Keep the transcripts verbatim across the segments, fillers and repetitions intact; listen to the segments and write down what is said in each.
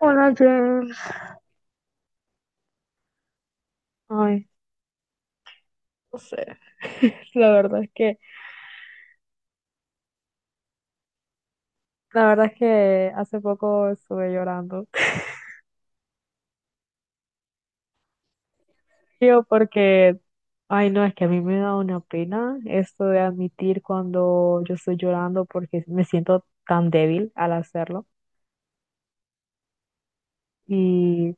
Hola, James. Ay, no sé. La verdad es que, la verdad es que hace poco estuve llorando. Yo porque, ay, no, es que a mí me da una pena esto de admitir cuando yo estoy llorando porque me siento tan débil al hacerlo. Y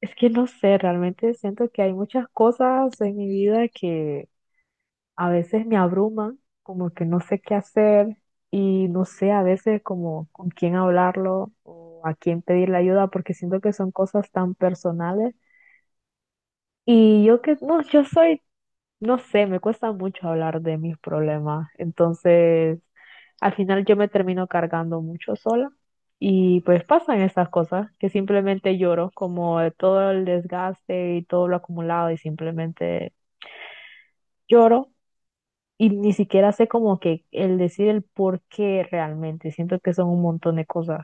es que no sé, realmente siento que hay muchas cosas en mi vida que a veces me abruman, como que no sé qué hacer y no sé a veces como con quién hablarlo o a quién pedirle ayuda porque siento que son cosas tan personales y yo que no, yo soy, no sé, me cuesta mucho hablar de mis problemas. Entonces al final yo me termino cargando mucho sola. Y pues pasan esas cosas que simplemente lloro, como de todo el desgaste y todo lo acumulado y simplemente lloro. Y ni siquiera sé como que el decir el por qué realmente. Siento que son un montón de cosas.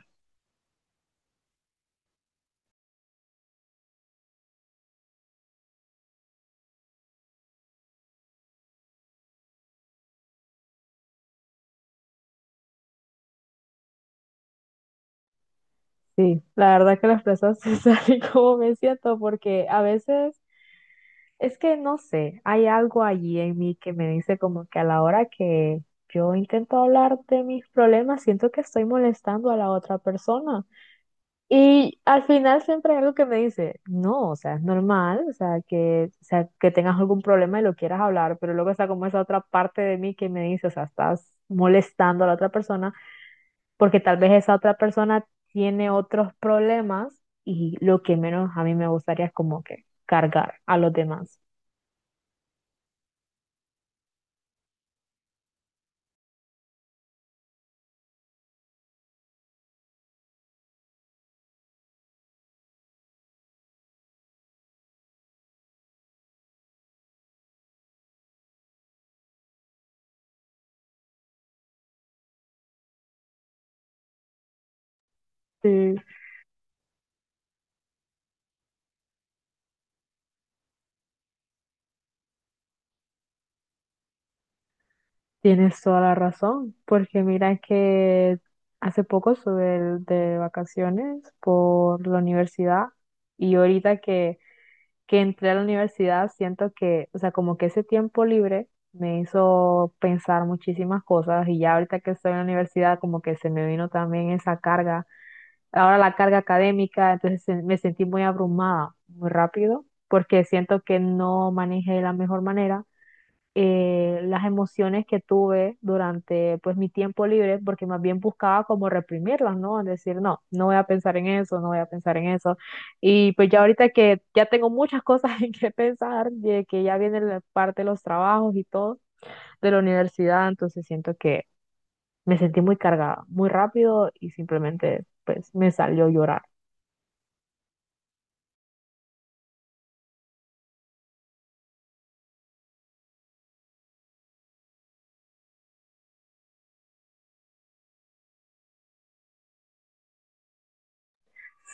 Sí, la verdad que las personas se salen como me siento, porque a veces es que no sé, hay algo allí en mí que me dice como que a la hora que yo intento hablar de mis problemas, siento que estoy molestando a la otra persona. Y al final siempre hay algo que me dice, no, o sea, es normal, o sea, que, o sea, que tengas algún problema y lo quieras hablar, pero luego está como esa otra parte de mí que me dice, o sea, estás molestando a la otra persona porque tal vez esa otra persona tiene otros problemas y lo que menos a mí me gustaría es como que cargar a los demás. Sí, tienes toda la razón, porque mira que hace poco estuve de vacaciones por la universidad y ahorita que que entré a la universidad, siento que, o sea, como que ese tiempo libre me hizo pensar muchísimas cosas y ya ahorita que estoy en la universidad, como que se me vino también esa carga, ahora la carga académica, entonces se- me sentí muy abrumada muy rápido porque siento que no manejé de la mejor manera eh, las emociones que tuve durante pues mi tiempo libre, porque más bien buscaba como reprimirlas, ¿no? Es decir, no, no voy a pensar en eso, no voy a pensar en eso. Y pues ya ahorita que ya tengo muchas cosas en que pensar, de que ya viene la parte de los trabajos y todo, de la universidad, entonces siento que me sentí muy cargada, muy rápido y simplemente pues me salió llorar.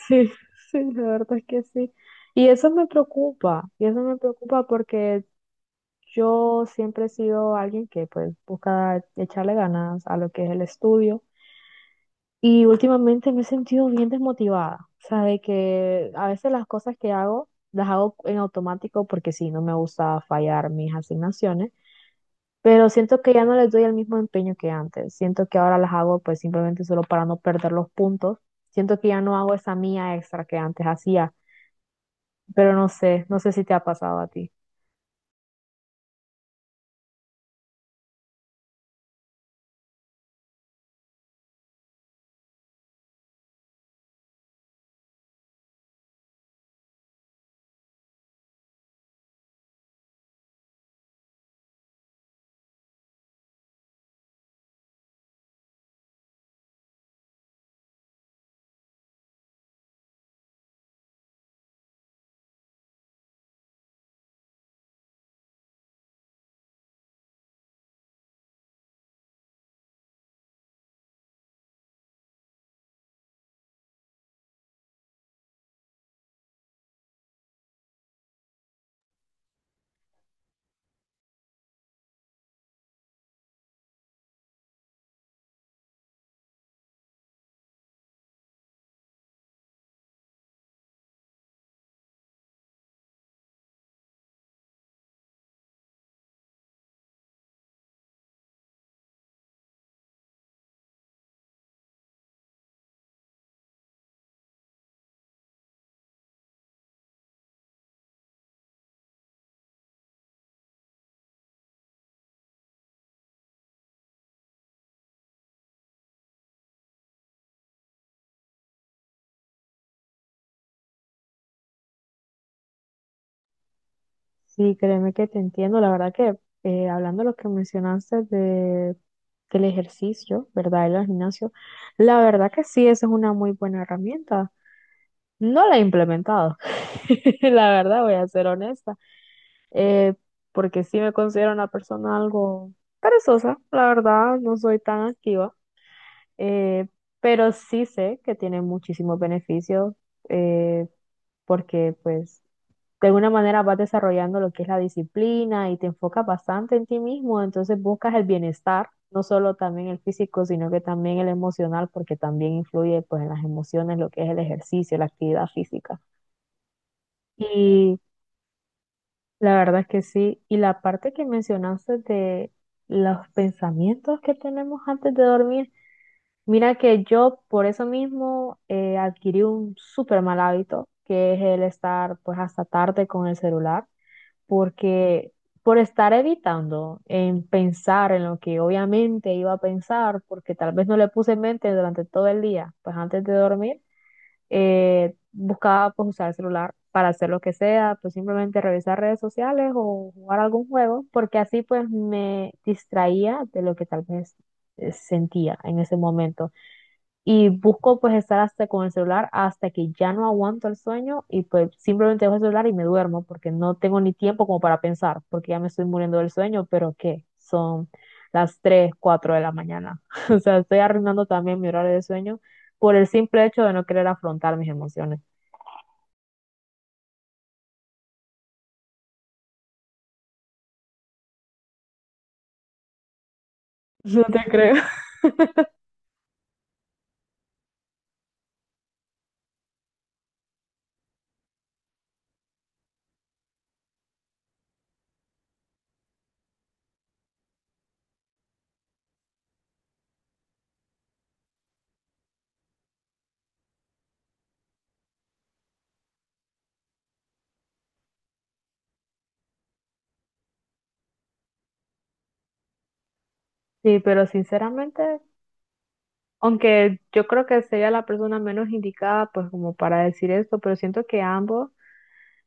Sí, sí, la verdad es que sí. Y eso me preocupa, y eso me preocupa porque yo siempre he sido alguien que pues busca echarle ganas a lo que es el estudio y últimamente me he sentido bien desmotivada, o sea, de que a veces las cosas que hago las hago en automático porque sí, no me gusta fallar mis asignaciones, pero siento que ya no les doy el mismo empeño que antes. Siento que ahora las hago pues simplemente solo para no perder los puntos. Siento que ya no hago esa mía extra que antes hacía, pero no sé, no sé si te ha pasado a ti. Sí, créeme que te entiendo. La verdad que eh, hablando de lo que mencionaste de, del ejercicio, ¿verdad? El gimnasio, la verdad que sí, esa es una muy buena herramienta. No la he implementado, la verdad, voy a ser honesta, eh, porque sí me considero una persona algo perezosa, la verdad, no soy tan activa, eh, pero sí sé que tiene muchísimos beneficios, eh, porque pues de alguna manera vas desarrollando lo que es la disciplina y te enfocas bastante en ti mismo, entonces buscas el bienestar, no solo también el físico, sino que también el emocional, porque también influye pues en las emociones lo que es el ejercicio, la actividad física. La verdad es que sí. Y la parte que mencionaste de los pensamientos que tenemos antes de dormir, mira que yo por eso mismo eh, adquirí un súper mal hábito, que es el estar pues hasta tarde con el celular, porque por estar evitando en pensar en lo que obviamente iba a pensar, porque tal vez no le puse en mente durante todo el día, pues antes de dormir eh, buscaba pues usar el celular para hacer lo que sea, pues simplemente revisar redes sociales o jugar algún juego, porque así pues me distraía de lo que tal vez eh, sentía en ese momento y busco pues estar hasta con el celular hasta que ya no aguanto el sueño y pues simplemente dejo el celular y me duermo porque no tengo ni tiempo como para pensar porque ya me estoy muriendo del sueño, pero ¿qué? Son las tres cuatro de la mañana. O sea, estoy arruinando también mi horario de sueño por el simple hecho de no querer afrontar mis emociones. No te creo. Sí, pero sinceramente, aunque yo creo que sería la persona menos indicada pues como para decir esto, pero siento que ambos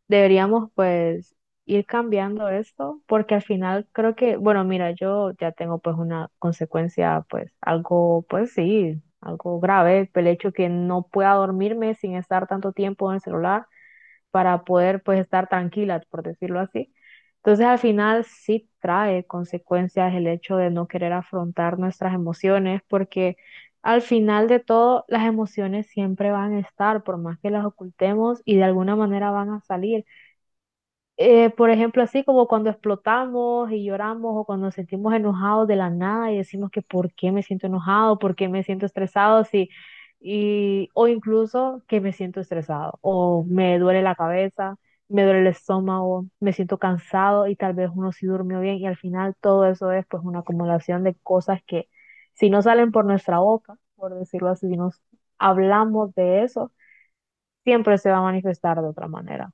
deberíamos pues ir cambiando esto, porque al final creo que, bueno, mira, yo ya tengo pues una consecuencia, pues algo, pues sí, algo grave, el hecho que no pueda dormirme sin estar tanto tiempo en el celular para poder pues estar tranquila, por decirlo así. Entonces al final sí trae consecuencias el hecho de no querer afrontar nuestras emociones, porque al final de todo las emociones siempre van a estar, por más que las ocultemos y de alguna manera van a salir. Eh, por ejemplo, así como cuando explotamos y lloramos o cuando nos sentimos enojados de la nada y decimos que por qué me siento enojado, por qué me siento estresado, sí, y, o incluso que me siento estresado o me duele la cabeza, me duele el estómago, me siento cansado y tal vez uno sí durmió bien y al final todo eso es pues una acumulación de cosas que si no salen por nuestra boca, por decirlo así, si nos hablamos de eso, siempre se va a manifestar de otra manera.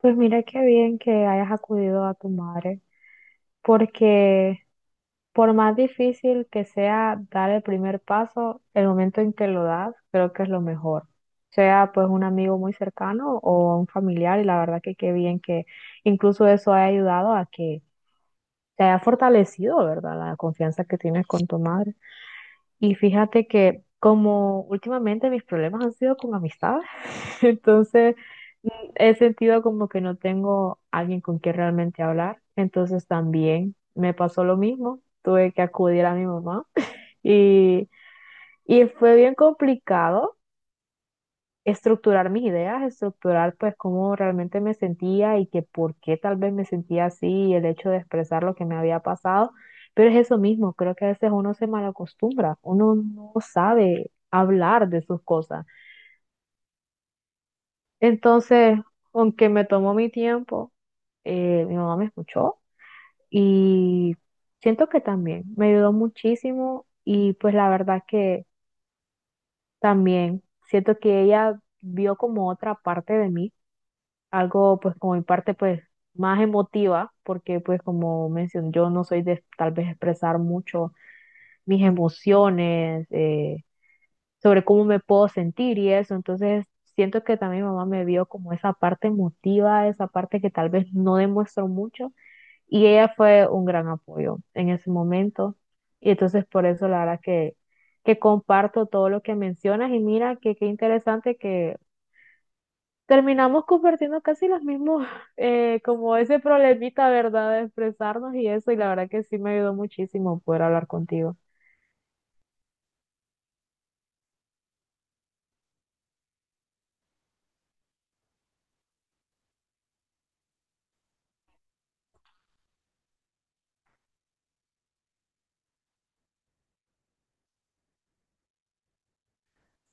Pues mira qué bien que hayas acudido a tu madre, porque por más difícil que sea dar el primer paso, el momento en que lo das, creo que es lo mejor. Sea pues un amigo muy cercano o un familiar, y la verdad que qué bien que incluso eso haya ayudado a que te haya fortalecido, ¿verdad? La confianza que tienes con tu madre. Y fíjate que como últimamente mis problemas han sido con amistades, entonces mm, he sentido como que no tengo alguien con quien realmente hablar. Entonces también me pasó lo mismo, tuve que acudir a mi mamá y, y fue bien complicado estructurar mis ideas, estructurar pues cómo realmente me sentía y que por qué tal vez me sentía así y el hecho de expresar lo que me había pasado. Pero es eso mismo, creo que a veces uno se malacostumbra, uno no sabe hablar de sus cosas. Entonces, aunque me tomó mi tiempo, eh, mi mamá me escuchó y siento que también me ayudó muchísimo y pues la verdad que también siento que ella vio como otra parte de mí, algo pues como mi parte pues más emotiva, porque pues como mencioné, yo no soy de tal vez expresar mucho mis emociones, eh, sobre cómo me puedo sentir y eso, entonces siento que también mi mamá me vio como esa parte emotiva, esa parte que tal vez no demuestro mucho y ella fue un gran apoyo en ese momento y entonces por eso la verdad que, que comparto todo lo que mencionas y mira que qué interesante que terminamos compartiendo casi los mismos, eh, como ese problemita, ¿verdad? De expresarnos y eso, y la verdad que sí me ayudó muchísimo poder hablar contigo.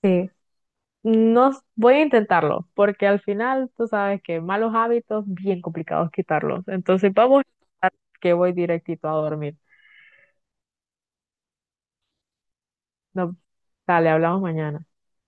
Sí. No, s- voy a intentarlo, porque al final tú sabes que malos hábitos, bien complicados quitarlos. Entonces vamos a intentar que voy directito a dormir. No, dale, hablamos mañana.